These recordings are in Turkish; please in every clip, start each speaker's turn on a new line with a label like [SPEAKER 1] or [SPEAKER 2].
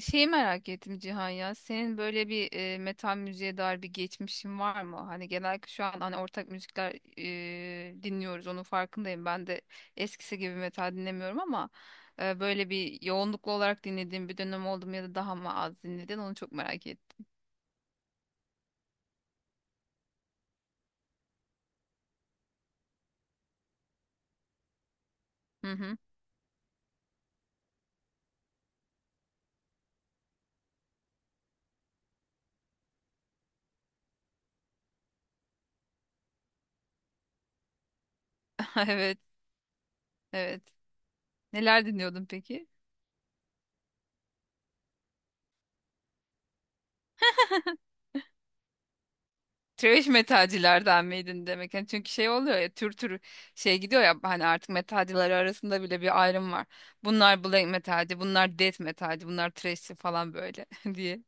[SPEAKER 1] Şeyi merak ettim Cihan ya. Senin böyle bir metal müziğe dair bir geçmişin var mı? Hani genellikle şu an hani ortak müzikler dinliyoruz. Onun farkındayım. Ben de eskisi gibi metal dinlemiyorum ama böyle bir yoğunluklu olarak dinlediğim bir dönem oldu mu ya da daha mı az dinledin? Onu çok merak ettim. Hı hı. Evet, evet. Neler dinliyordun peki? Trash metalcilerden miydin demek? Yani çünkü şey oluyor ya, tür tür şey gidiyor ya hani, artık metalcileri arasında bile bir ayrım var. Bunlar black metalci, bunlar death metalci, bunlar thrashçi falan böyle diye.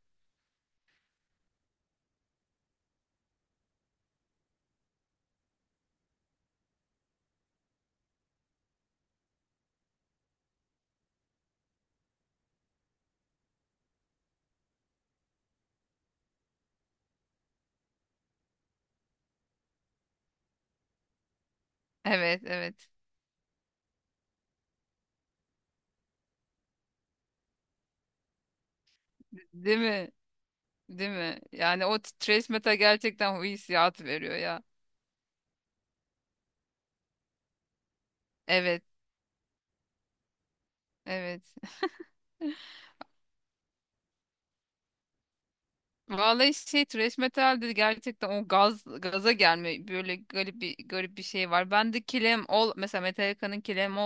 [SPEAKER 1] Evet, evet. Değil mi? Değil mi? Yani o thrash metal gerçekten o hissiyatı veriyor ya. Evet. Evet. Vallahi şey trash metal dedi gerçekten, o gaz gaza gelme böyle garip bir şey var. Ben de Kill 'Em, mesela Metallica'nın Kill 'Em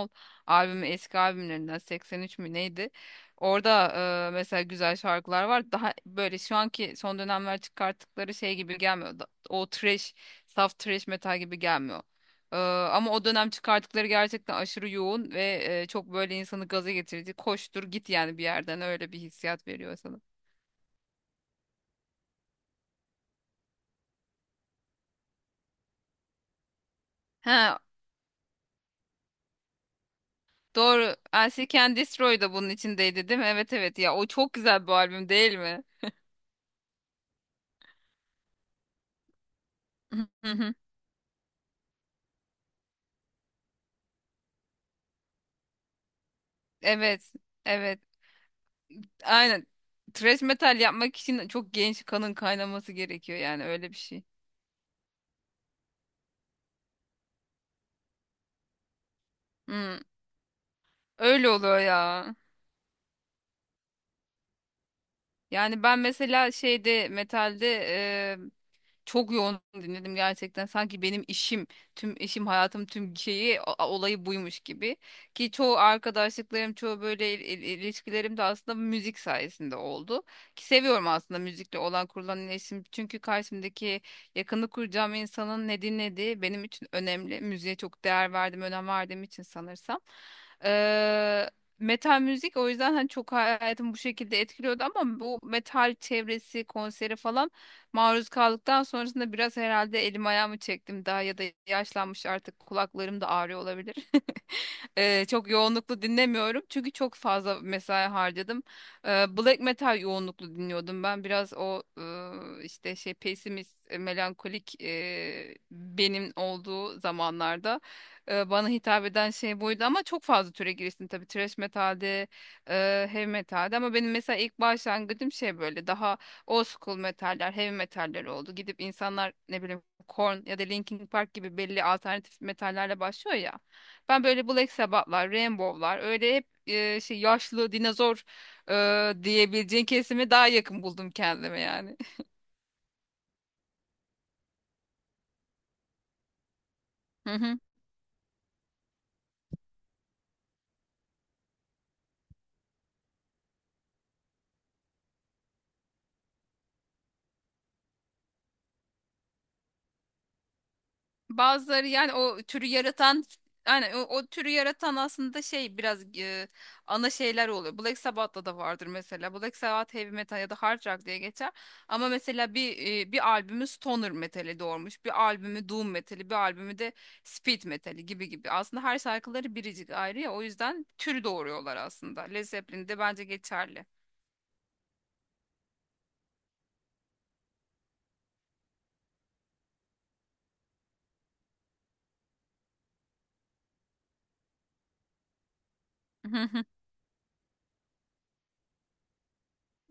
[SPEAKER 1] albümü eski albümlerinden 83 mü neydi? Orada mesela güzel şarkılar var. Daha böyle şu anki son dönemler çıkarttıkları şey gibi gelmiyor. O trash, saf trash metal gibi gelmiyor. E, Ama o dönem çıkarttıkları gerçekten aşırı yoğun ve çok böyle insanı gaza getirici. Koştur git yani, bir yerden öyle bir hissiyat veriyor sana. He. Doğru. I Can Destroy da bunun içindeydi değil mi? Evet, evet ya, o çok güzel bir albüm değil mi? Hı hı. Evet. Evet. Aynen. Thrash metal yapmak için çok genç kanın kaynaması gerekiyor yani, öyle bir şey. Hı. Öyle oluyor ya. Yani ben mesela şeyde, metalde çok yoğun dinledim gerçekten. Sanki benim işim, tüm işim, hayatım, tüm şeyi, olayı buymuş gibi. Ki çoğu arkadaşlıklarım, çoğu böyle ilişkilerim de aslında müzik sayesinde oldu. Ki seviyorum aslında müzikle olan kurulan iletişim. Çünkü karşımdaki yakını kuracağım insanın ne dinlediği benim için önemli. Müziğe çok değer verdim, önem verdiğim için sanırsam. Eee Metal müzik o yüzden hani çok hayatımı bu şekilde etkiliyordu, ama bu metal çevresi konseri falan maruz kaldıktan sonrasında biraz herhalde elim ayağımı çektim daha, ya da yaşlanmış artık kulaklarım da ağrıyor olabilir. Çok yoğunluklu dinlemiyorum çünkü çok fazla mesai harcadım. Black metal yoğunluklu dinliyordum ben. Biraz o işte şey pesimist, melankolik benim olduğu zamanlarda bana hitap eden şey buydu, ama çok fazla türe giriştim tabii. Thrash metalde, heavy metalde, ama benim mesela ilk başlangıcım şey böyle daha old school metaller, heavy metaller oldu. Gidip insanlar ne bileyim Korn ya da Linkin Park gibi belli alternatif metallerle başlıyor ya. Ben böyle Black Sabbath'lar, Rainbow'lar öyle hep şey yaşlı dinozor diyebileceğin kesime daha yakın buldum kendime yani. Hı hı. Bazıları yani o türü yaratan, yani o türü yaratan aslında şey biraz ana şeyler oluyor. Black Sabbath'ta da vardır mesela. Black Sabbath heavy metal ya da hard rock diye geçer. Ama mesela bir albümü stoner metali doğurmuş, bir albümü doom metali, bir albümü de speed metali gibi gibi. Aslında her şarkıları biricik ayrı ya, o yüzden tür doğuruyorlar aslında. Led Zeppelin de bence geçerli. Hı, hı.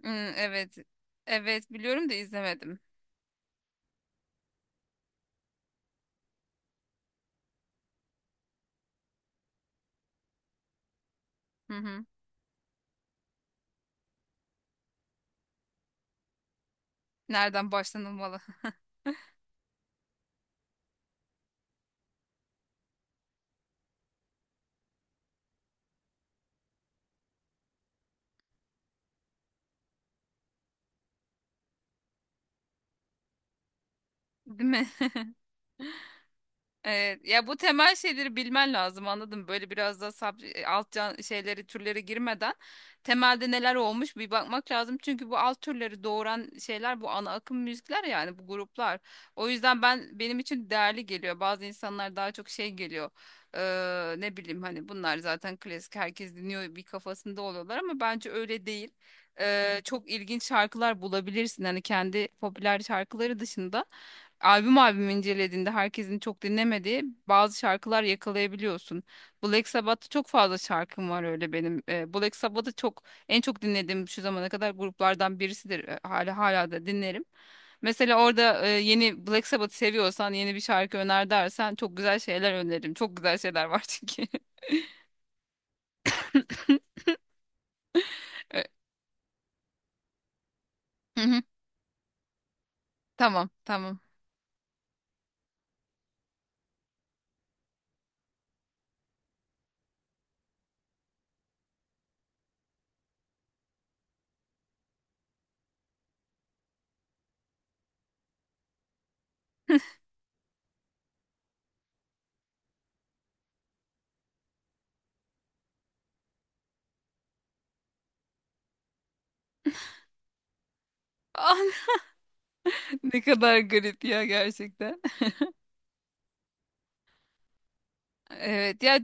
[SPEAKER 1] Hı. Evet. Evet, biliyorum da izlemedim. Hı hı. Nereden başlanılmalı? Değil mi? Evet, ya bu temel şeyleri bilmen lazım anladım. Böyle biraz da sab alt can şeyleri türleri girmeden temelde neler olmuş bir bakmak lazım. Çünkü bu alt türleri doğuran şeyler bu ana akım müzikler, yani bu gruplar. O yüzden benim için değerli geliyor. Bazı insanlar daha çok şey geliyor. Ne bileyim hani bunlar zaten klasik, herkes dinliyor, bir kafasında oluyorlar ama bence öyle değil. Çok ilginç şarkılar bulabilirsin hani, kendi popüler şarkıları dışında albüm albüm incelediğinde herkesin çok dinlemediği bazı şarkılar yakalayabiliyorsun. Black Sabbath'ta çok fazla şarkım var öyle benim. Black Sabbath'ı en çok dinlediğim şu zamana kadar gruplardan birisidir. Hala da dinlerim. Mesela orada yeni Black Sabbath seviyorsan yeni bir şarkı öner dersen çok güzel şeyler öneririm. Çok güzel şeyler var çünkü. Ee, hı hı. Tamam, tamam. Ne kadar garip ya gerçekten. Evet ya.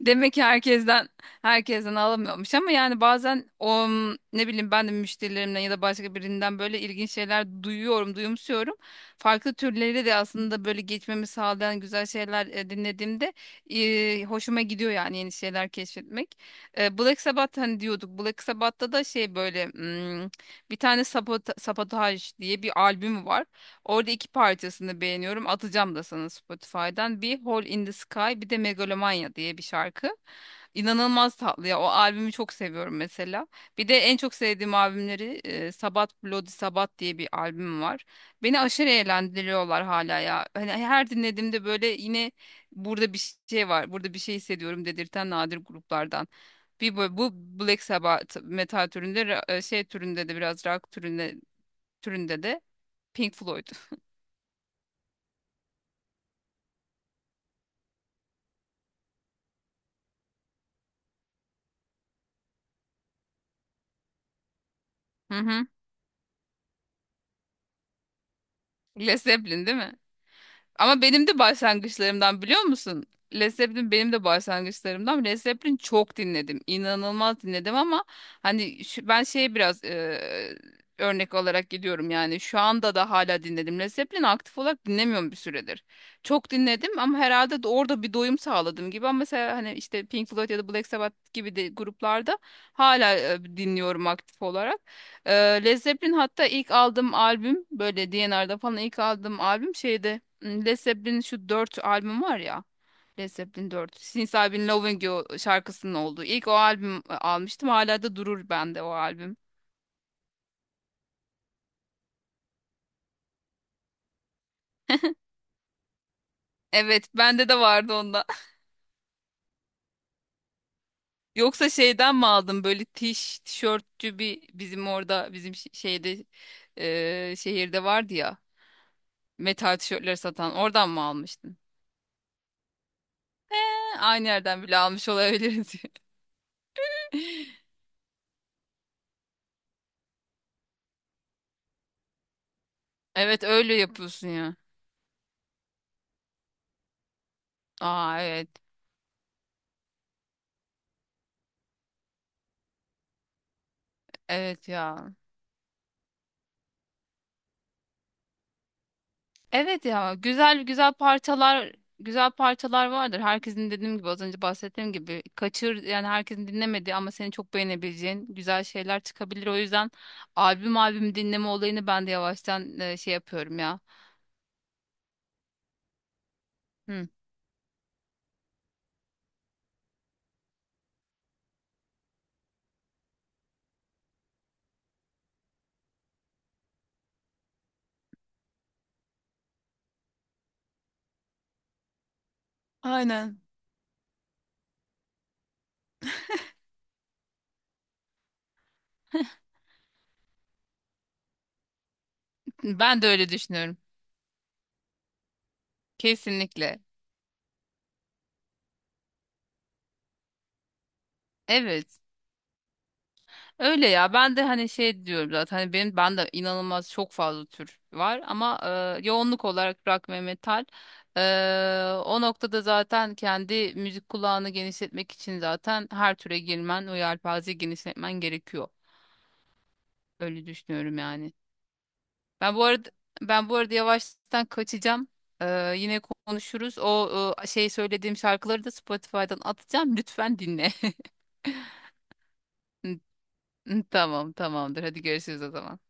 [SPEAKER 1] Demek ki herkesten alamıyormuş, ama yani bazen o, ne bileyim, ben de müşterilerimden ya da başka birinden böyle ilginç şeyler duyuyorum, duyumsuyorum. Farklı türleri de aslında böyle geçmemi sağlayan güzel şeyler dinlediğimde hoşuma gidiyor yani, yeni şeyler keşfetmek. Black Sabbath hani diyorduk. Black Sabbath'ta da şey böyle bir tane Sabotage diye bir albüm var. Orada iki parçasını beğeniyorum. Atacağım da sana Spotify'dan. Bir Hole in the Sky, bir de Megalomania diye bir şarkı. İnanılmaz tatlı ya. O albümü çok seviyorum mesela. Bir de en çok sevdiğim albümleri Sabat Bloody Sabat diye bir albüm var. Beni aşırı eğlendiriyorlar hala ya. Hani her dinlediğimde böyle yine burada bir şey var. Burada bir şey hissediyorum dedirten nadir gruplardan. Bir bu Black Sabbath metal türünde şey türünde de biraz rock türünde de Pink Floyd. Hı hı. Led Zeppelin değil mi? Ama benim de başlangıçlarımdan, biliyor musun? Led Zeppelin benim de başlangıçlarımdan. Led Zeppelin çok dinledim. İnanılmaz dinledim ama hani ben şeye biraz örnek olarak gidiyorum, yani şu anda da hala dinledim. Led Zeppelin aktif olarak dinlemiyorum bir süredir. Çok dinledim ama herhalde de orada bir doyum sağladım gibi, ama mesela hani işte Pink Floyd ya da Black Sabbath gibi de gruplarda hala dinliyorum aktif olarak. Led Zeppelin hatta ilk aldığım albüm böyle D&R'da falan ilk aldığım albüm şeyde Led Zeppelin şu 4 albüm var ya. Led Zeppelin 4. Since I've Been Loving You şarkısının olduğu. İlk o albüm almıştım. Hala da durur bende o albüm. Evet, bende de vardı onda. Yoksa şeyden mi aldım böyle tişörtçü bir bizim orada, bizim şeyde, şehirde vardı ya metal tişörtleri satan, oradan mı almıştın? He, aynı yerden bile almış olabiliriz. Evet, öyle yapıyorsun ya. Aa, evet. Evet ya. Evet ya. Güzel güzel parçalar, güzel parçalar vardır. Herkesin dediğim gibi, az önce bahsettiğim gibi kaçır yani, herkesin dinlemediği ama senin çok beğenebileceğin güzel şeyler çıkabilir. O yüzden albüm albüm dinleme olayını ben de yavaştan şey yapıyorum ya. Hı. Aynen. Ben de öyle düşünüyorum. Kesinlikle. Evet. Öyle ya, ben de hani şey diyorum zaten hani ben de inanılmaz, çok fazla tür var ama yoğunluk olarak rock ve metal. E, O noktada zaten kendi müzik kulağını genişletmek için zaten her türe girmen, o yelpazeyi genişletmen gerekiyor. Öyle düşünüyorum yani. Ben bu arada ben bu arada yavaştan kaçacağım. Yine konuşuruz. O şey söylediğim şarkıları da Spotify'dan atacağım. Lütfen dinle. Tamam, tamamdır. Hadi görüşürüz o zaman.